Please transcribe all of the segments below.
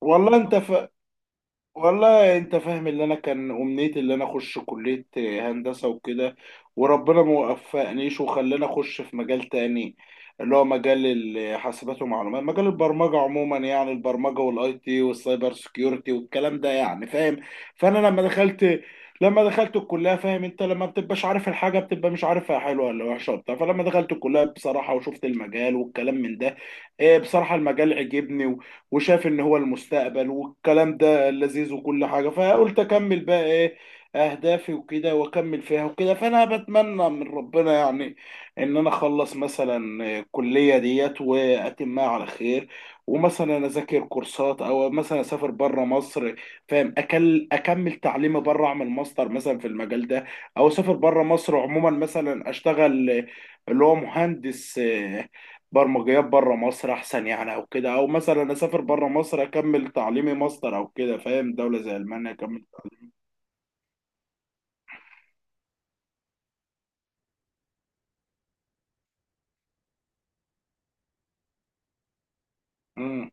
والله انت في والله انت فاهم اللي انا كان امنيتي، اللي انا اخش كلية هندسة وكده. وربنا ما وفقنيش وخلاني اخش في مجال تاني، اللي هو مجال الحاسبات ومعلومات، مجال البرمجة عموما، يعني البرمجة والاي تي والسايبر سكيورتي والكلام ده، يعني فاهم. فانا لما دخلت الكلية، فاهم انت لما بتبقاش عارف الحاجة بتبقى مش عارفها حلوة ولا وحشة وبتاع. فلما دخلت الكلية بصراحة وشفت المجال والكلام من ده، ايه، بصراحة المجال عجبني وشايف ان هو المستقبل والكلام ده لذيذ وكل حاجه. فقلت اكمل بقى ايه اهدافي وكده، واكمل فيها وكده. فانا بتمنى من ربنا يعني ان انا اخلص مثلا الكليه ديت واتمها على خير، ومثلا اذاكر كورسات او مثلا اسافر بره مصر، فاهم، أكل اكمل تعليمي بره، اعمل ماستر مثلا في المجال ده، او اسافر بره مصر عموما مثلا اشتغل اللي هو مهندس برمجيات بره مصر احسن يعني، او كده، او مثلا اسافر بره مصر اكمل تعليمي ماستر او كده، فاهم، دولة زي المانيا اكمل. امم.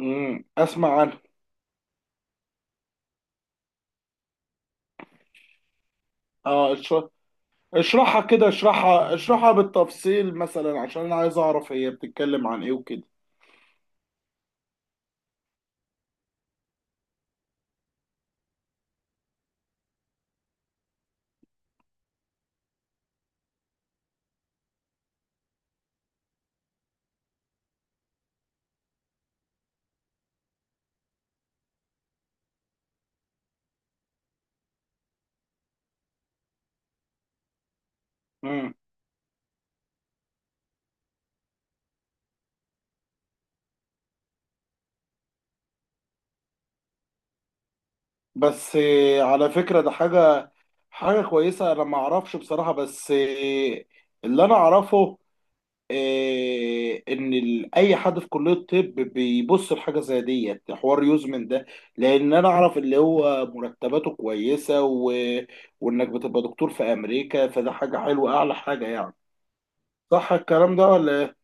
اسمع عنها. اه، اشرحها كده، اشرحها اشرحها بالتفصيل مثلا عشان انا عايز اعرف هي بتتكلم عن ايه وكده. امم. بس على فكرة ده حاجة كويسة. انا ما اعرفش بصراحة، بس اللي انا اعرفه ان اي حد في كليه الطب بيبص لحاجه زي ديت، حوار يوزمن ده، لان انا اعرف اللي هو مرتباته كويسه وانك بتبقى دكتور في امريكا، فده حاجه حلوه، اعلى حاجه يعني. صح الكلام ده ولا إيه؟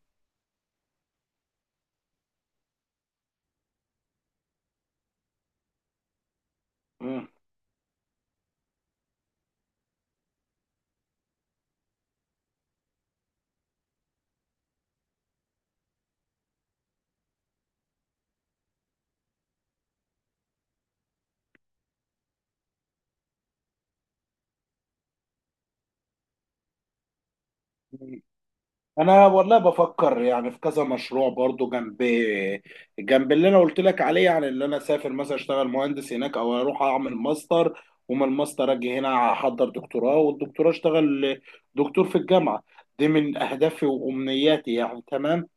مم. انا والله بفكر يعني في كذا مشروع برضو، جنب اللي انا قلت لك عليه، يعني اللي انا اسافر مثلا اشتغل مهندس هناك، او اروح اعمل ماستر، ومن الماستر اجي هنا احضر دكتوراه، والدكتوراه اشتغل دكتور في الجامعه. دي من اهدافي وامنياتي يعني، تمام.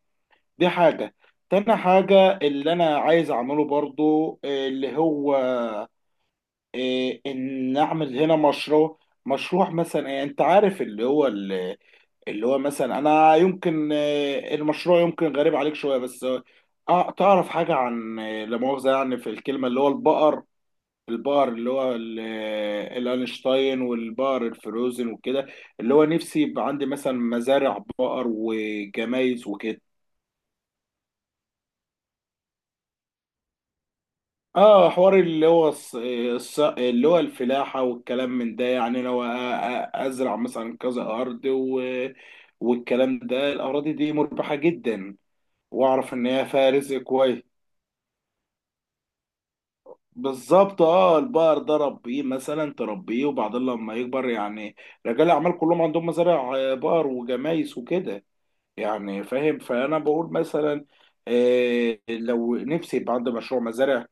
دي حاجه. تاني حاجه اللي انا عايز اعمله برضو اللي هو ان اعمل هنا مشروع. مشروع مثلا، انت عارف اللي هو، مثلا انا يمكن، المشروع يمكن غريب عليك شويه، بس تعرف حاجه عن لا مؤاخذه يعني في الكلمه، اللي هو البقر، البقر اللي هو الانشتاين والبقر الفروزن وكده، اللي هو نفسي يبقى عندي مثلا مزارع بقر وجمايز وكده. اه، حوار اللي هو اللي هو الفلاحة والكلام من ده، يعني لو ازرع مثلا كذا ارض والكلام ده، الاراضي دي مربحة جدا، واعرف ان هي فيها رزق كويس. بالظبط. اه، البقر ده ربيه مثلا تربيه، وبعدين لما يكبر يعني، رجال الاعمال كلهم عندهم مزارع بقر وجمايس وكده، يعني فاهم. فانا بقول مثلا لو نفسي يبقى عندي مشروع مزارع.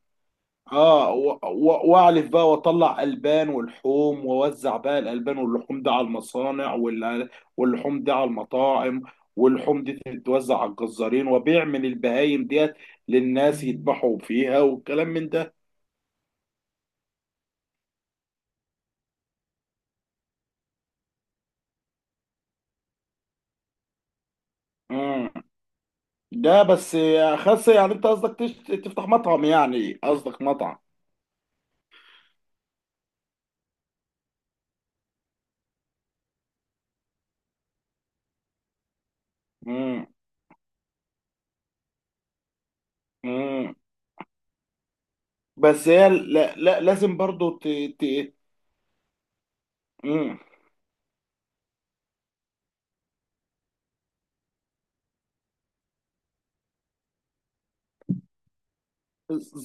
اه، واعلف بقى واطلع البان ولحوم، واوزع بقى الالبان واللحوم دي على المصانع، واللحوم دي على المطاعم، واللحوم دي تتوزع على الجزارين، وبيع من البهايم ديت للناس يذبحوا فيها والكلام من ده. امم ده بس يا خس، يعني انت قصدك تفتح مطعم، يعني قصدك مطعم. امم. امم بس هي لا لا لازم برضو ت... امم.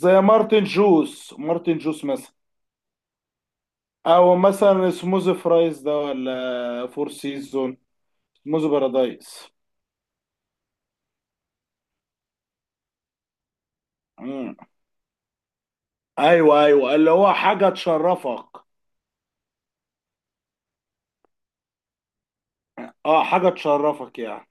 زي مارتن جوس مثلا، او مثلا سموز فرايز ده، ولا فور سيزون، سموز بارادايس. مم. ايوه، ايوه، اللي هو حاجه تشرفك. اه، حاجه تشرفك يعني.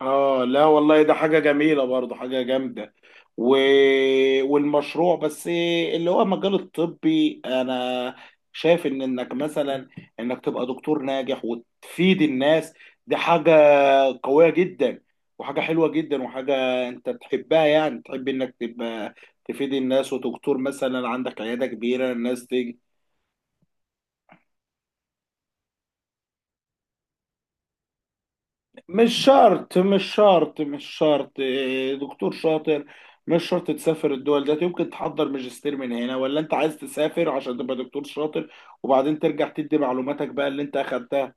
اه، لا والله ده حاجه جميله برضه، حاجه جامده. و... والمشروع بس اللي هو مجال الطبي، انا شايف ان انك تبقى دكتور ناجح وتفيد الناس، دي حاجه قوية جدا، وحاجة حلوة جدا، وحاجة انت تحبها، يعني تحب انك تبقى تفيد الناس، ودكتور مثلا عندك عيادة كبيرة الناس تيجي. مش شرط، مش شرط، مش شرط، دكتور شاطر، مش شرط تسافر الدول ده، يمكن تحضر ماجستير من هنا، ولا انت عايز تسافر عشان تبقى دكتور شاطر، وبعدين ترجع تدي معلوماتك بقى اللي انت اخدتها.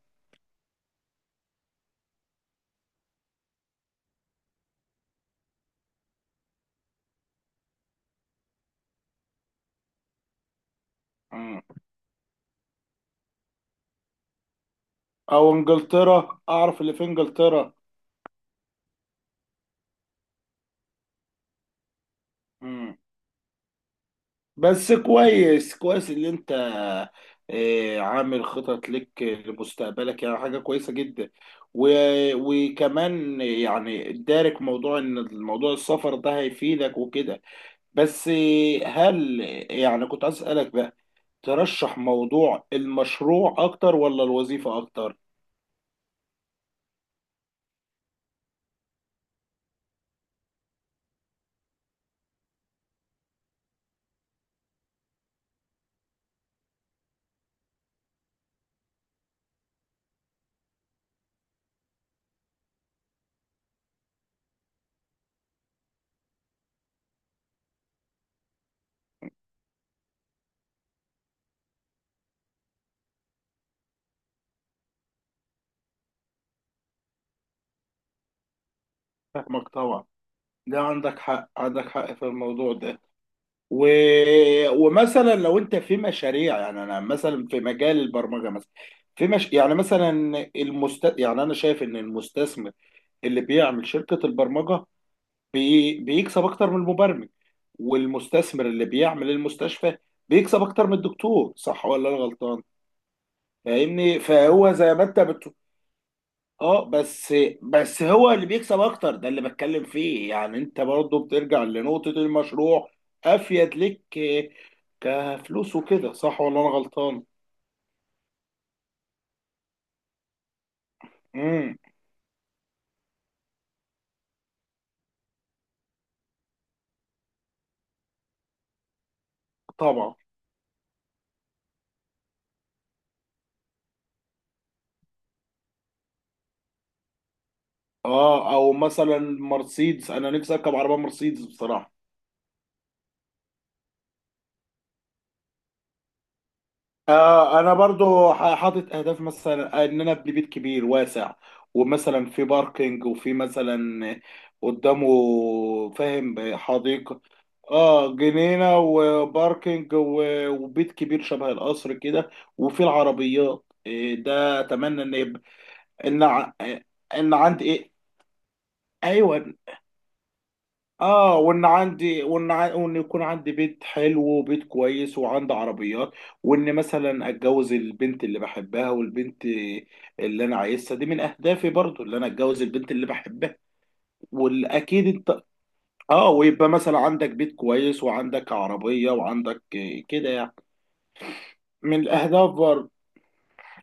مم. او انجلترا، اعرف اللي في انجلترا. مم. بس كويس، كويس اللي انت عامل خطط لك لمستقبلك، يعني حاجة كويسة جدا. و... وكمان يعني دارك موضوع ان الموضوع السفر ده هيفيدك وكده. بس هل يعني كنت عايز اسألك بقى، ترشح موضوع المشروع اكتر ولا الوظيفة اكتر؟ فاهمك طبعا، ده عندك حق، عندك حق في الموضوع ده. و... ومثلا لو انت في مشاريع، يعني انا مثلا في مجال البرمجه مثلا، في مش... يعني مثلا المست... يعني انا شايف ان المستثمر اللي بيعمل شركه البرمجه بيكسب اكتر من المبرمج، والمستثمر اللي بيعمل المستشفى بيكسب اكتر من الدكتور، صح ولا انا غلطان؟ فاهمني، فهو زي ما انت اه، بس هو اللي بيكسب اكتر ده اللي بتكلم فيه، يعني انت برضه بترجع لنقطة المشروع، افيد لك كفلوس وكده، صح ولا انا غلطان؟ امم. طبعا. اه، او مثلا مرسيدس، انا نفسي اركب عربية مرسيدس بصراحة. انا برضو حاطط اهداف، مثلا ان انا ابني بيت كبير واسع، ومثلا في باركينج، وفي مثلا قدامه، فاهم، حديقة، اه، جنينة وباركينج وبيت كبير شبه القصر كده، وفي العربيات ده اتمنى ان يبقى. ان ع- ان عندي ايه، ايوه، اه، وان يكون عندي بيت حلو وبيت كويس وعندي عربيات، وان مثلا اتجوز البنت اللي بحبها والبنت اللي انا عايزها، دي من اهدافي برضو، اللي انا اتجوز البنت اللي بحبها. والاكيد انت، اه، ويبقى مثلا عندك بيت كويس وعندك عربية وعندك، كده يعني، من الاهداف برضو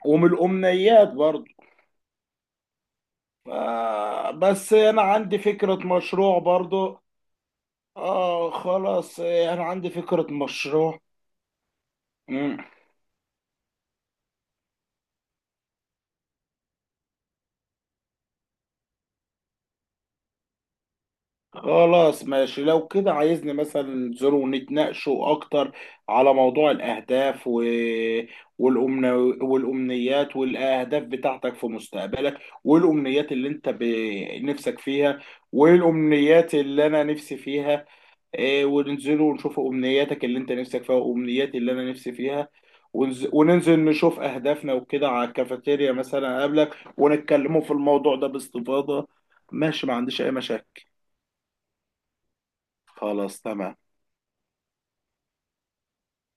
ومن الامنيات برضو. بس انا عندي فكرة مشروع برضو. اه خلاص، انا عندي فكرة مشروع. خلاص، ماشي، لو كده عايزني مثلا ننزلوا ونتناقشوا اكتر على موضوع الاهداف والأمن... والامنيات والاهداف بتاعتك في مستقبلك، والامنيات اللي انت نفسك فيها، والامنيات اللي انا نفسي فيها، وننزلوا ونشوف امنياتك اللي انت نفسك فيها وامنياتي اللي انا نفسي فيها، وننزل نشوف اهدافنا وكده على الكافيتيريا مثلا قبلك، ونتكلموا في الموضوع ده باستفاضة. ماشي، ما عنديش اي مشاكل. خلاص، تمام.